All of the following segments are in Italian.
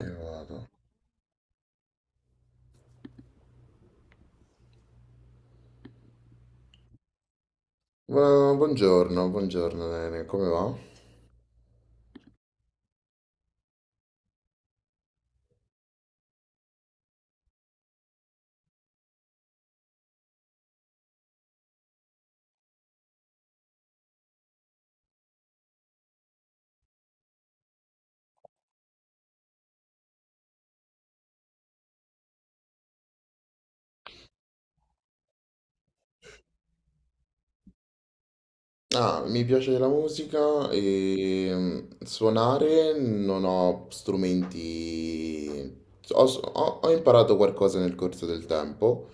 Vado. Ma buongiorno, buongiorno Lene, come va? Ah, mi piace la musica e suonare non ho strumenti. Ho imparato qualcosa nel corso del tempo,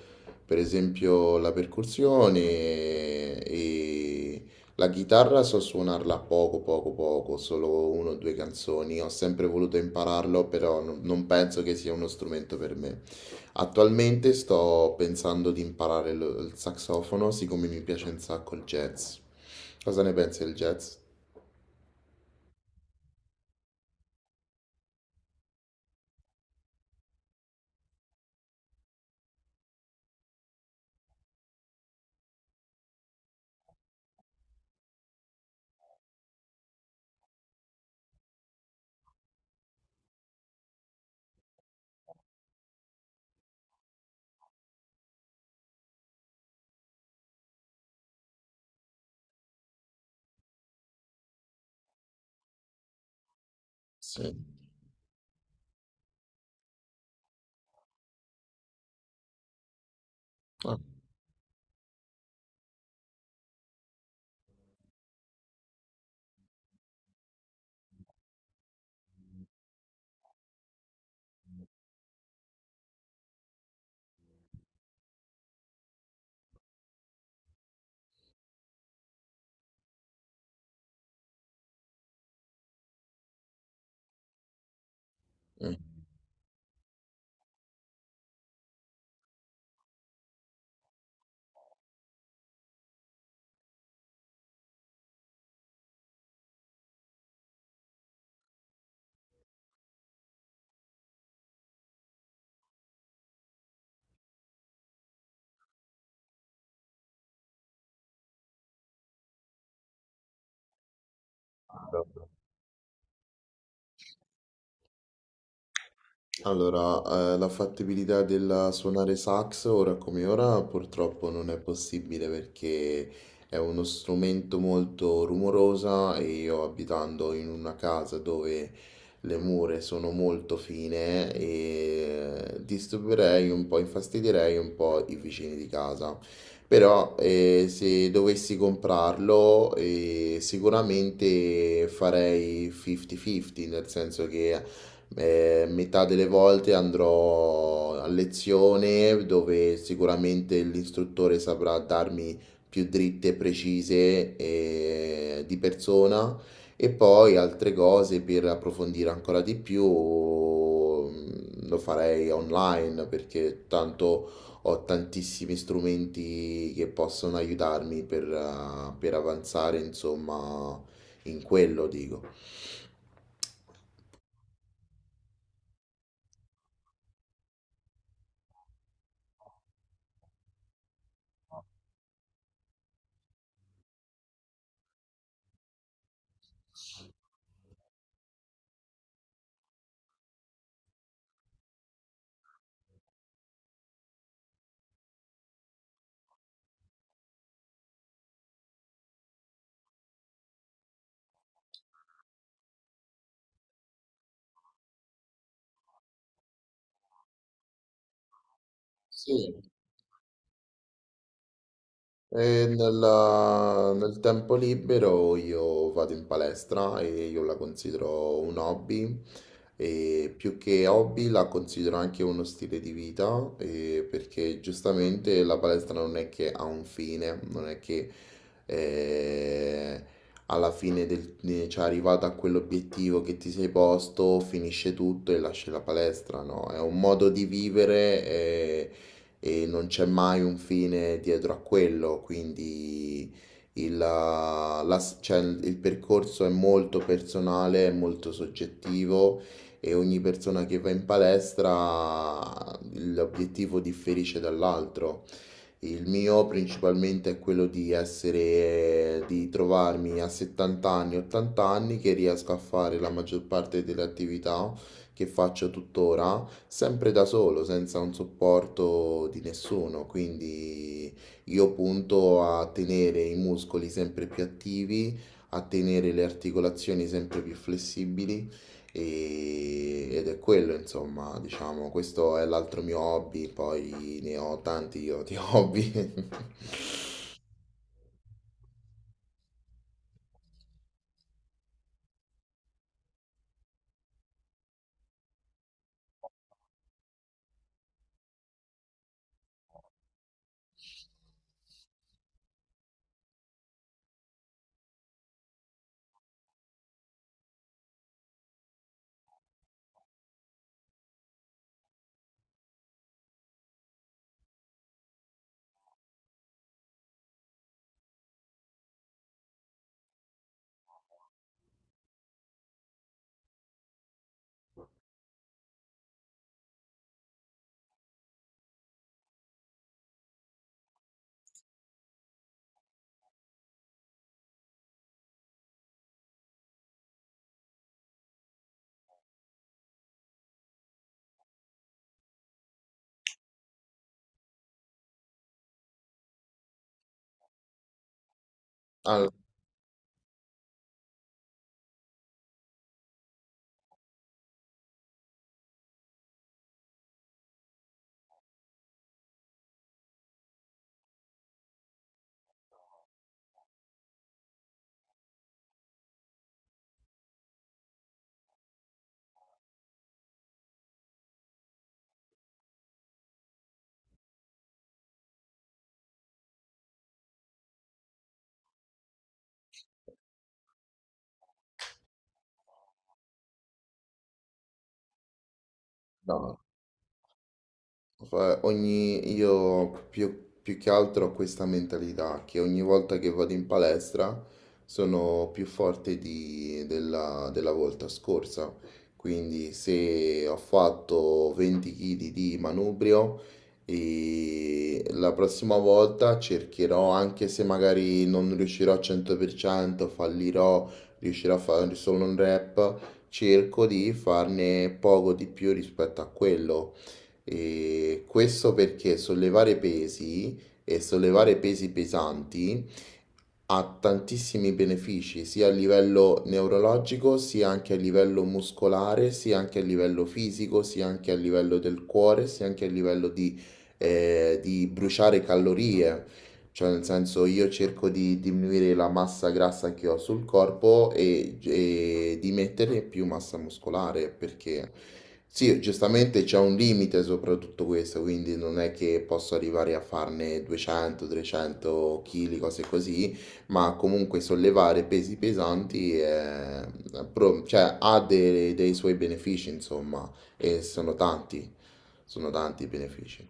per esempio la percussione e la chitarra so suonarla poco, poco, poco, solo uno o due canzoni. Ho sempre voluto impararlo, però non penso che sia uno strumento per me. Attualmente sto pensando di imparare il saxofono, siccome mi piace un sacco il jazz. Cosa ne pensi del jazz? Sì. Ah, mm. Allora, la fattibilità del suonare sax ora come ora purtroppo non è possibile perché è uno strumento molto rumorosa e io abitando in una casa dove le mura sono molto fine e disturberei un po', infastidirei un po' i vicini di casa. Però se dovessi comprarlo sicuramente farei 50-50, nel senso che metà delle volte andrò a lezione dove sicuramente l'istruttore saprà darmi più dritte e precise di persona e poi altre cose per approfondire ancora di più lo farei online perché tanto ho tantissimi strumenti che possono aiutarmi per avanzare, insomma, in quello dico. Sì. E nel tempo libero io vado in palestra e io la considero un hobby e più che hobby la considero anche uno stile di vita e perché giustamente la palestra non è che ha un fine, non è che eh, alla fine cioè arrivato a quell'obiettivo che ti sei posto, finisce tutto e lasci la palestra, no? È un modo di vivere e non c'è mai un fine dietro a quello, quindi cioè, il percorso è molto personale, è molto soggettivo e ogni persona che va in palestra l'obiettivo differisce dall'altro. Il mio principalmente è quello di essere, di trovarmi a 70 anni, 80 anni che riesco a fare la maggior parte delle attività che faccio tuttora, sempre da solo, senza un supporto di nessuno. Quindi io punto a tenere i muscoli sempre più attivi, a tenere le articolazioni sempre più flessibili ed è quello, insomma, diciamo, questo è l'altro mio hobby, poi ne ho tanti io di hobby. Allora, no, cioè, ogni, io più, più che altro ho questa mentalità che ogni volta che vado in palestra sono più forte della, della volta scorsa. Quindi se ho fatto 20 kg di manubrio, e la prossima volta cercherò, anche se magari non riuscirò al 100%, fallirò, riuscirò a fare solo un rep, cerco di farne poco di più rispetto a quello e questo perché sollevare pesi e sollevare pesi pesanti ha tantissimi benefici sia a livello neurologico, sia anche a livello muscolare, sia anche a livello fisico, sia anche a livello del cuore, sia anche a livello di bruciare calorie. Cioè, nel senso, io cerco di diminuire la massa grassa che ho sul corpo e di mettere più massa muscolare, perché sì, giustamente c'è un limite soprattutto questo, quindi non è che posso arrivare a farne 200, 300 kg, cose così, ma comunque sollevare pesi pesanti è- pro- cioè, ha dei, dei suoi benefici, insomma, e sono tanti i benefici.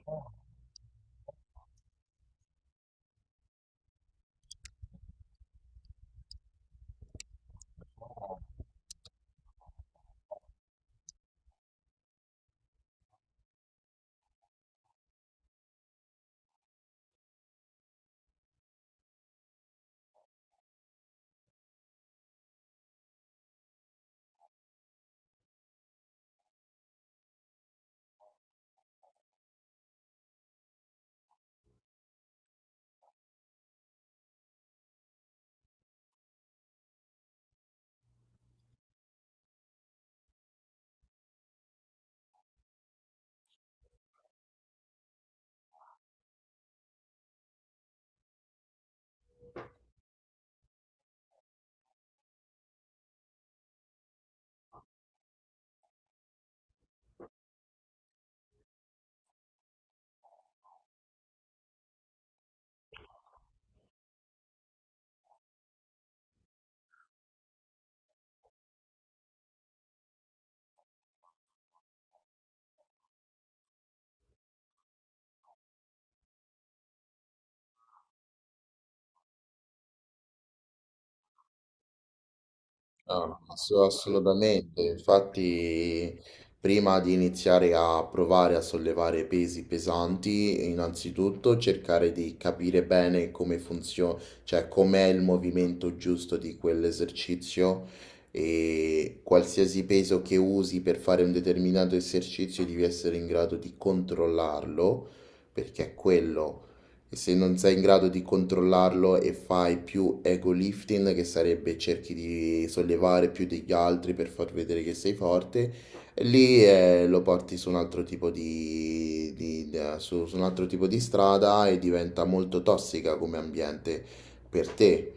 Ah, assolutamente, infatti prima di iniziare a provare a sollevare pesi pesanti, innanzitutto cercare di capire bene come funziona, cioè com'è il movimento giusto di quell'esercizio e qualsiasi peso che usi per fare un determinato esercizio devi essere in grado di controllarlo, perché è quello. E se non sei in grado di controllarlo e fai più ego lifting, che sarebbe cerchi di sollevare più degli altri per far vedere che sei forte, lì lo porti su un altro tipo di, su un altro tipo di strada e diventa molto tossica come ambiente per te.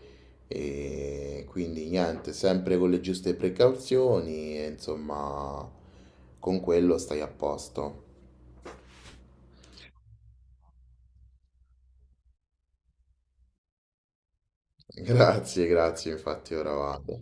E quindi niente, sempre con le giuste precauzioni, e insomma, con quello stai a posto. Grazie, grazie, infatti ora vado.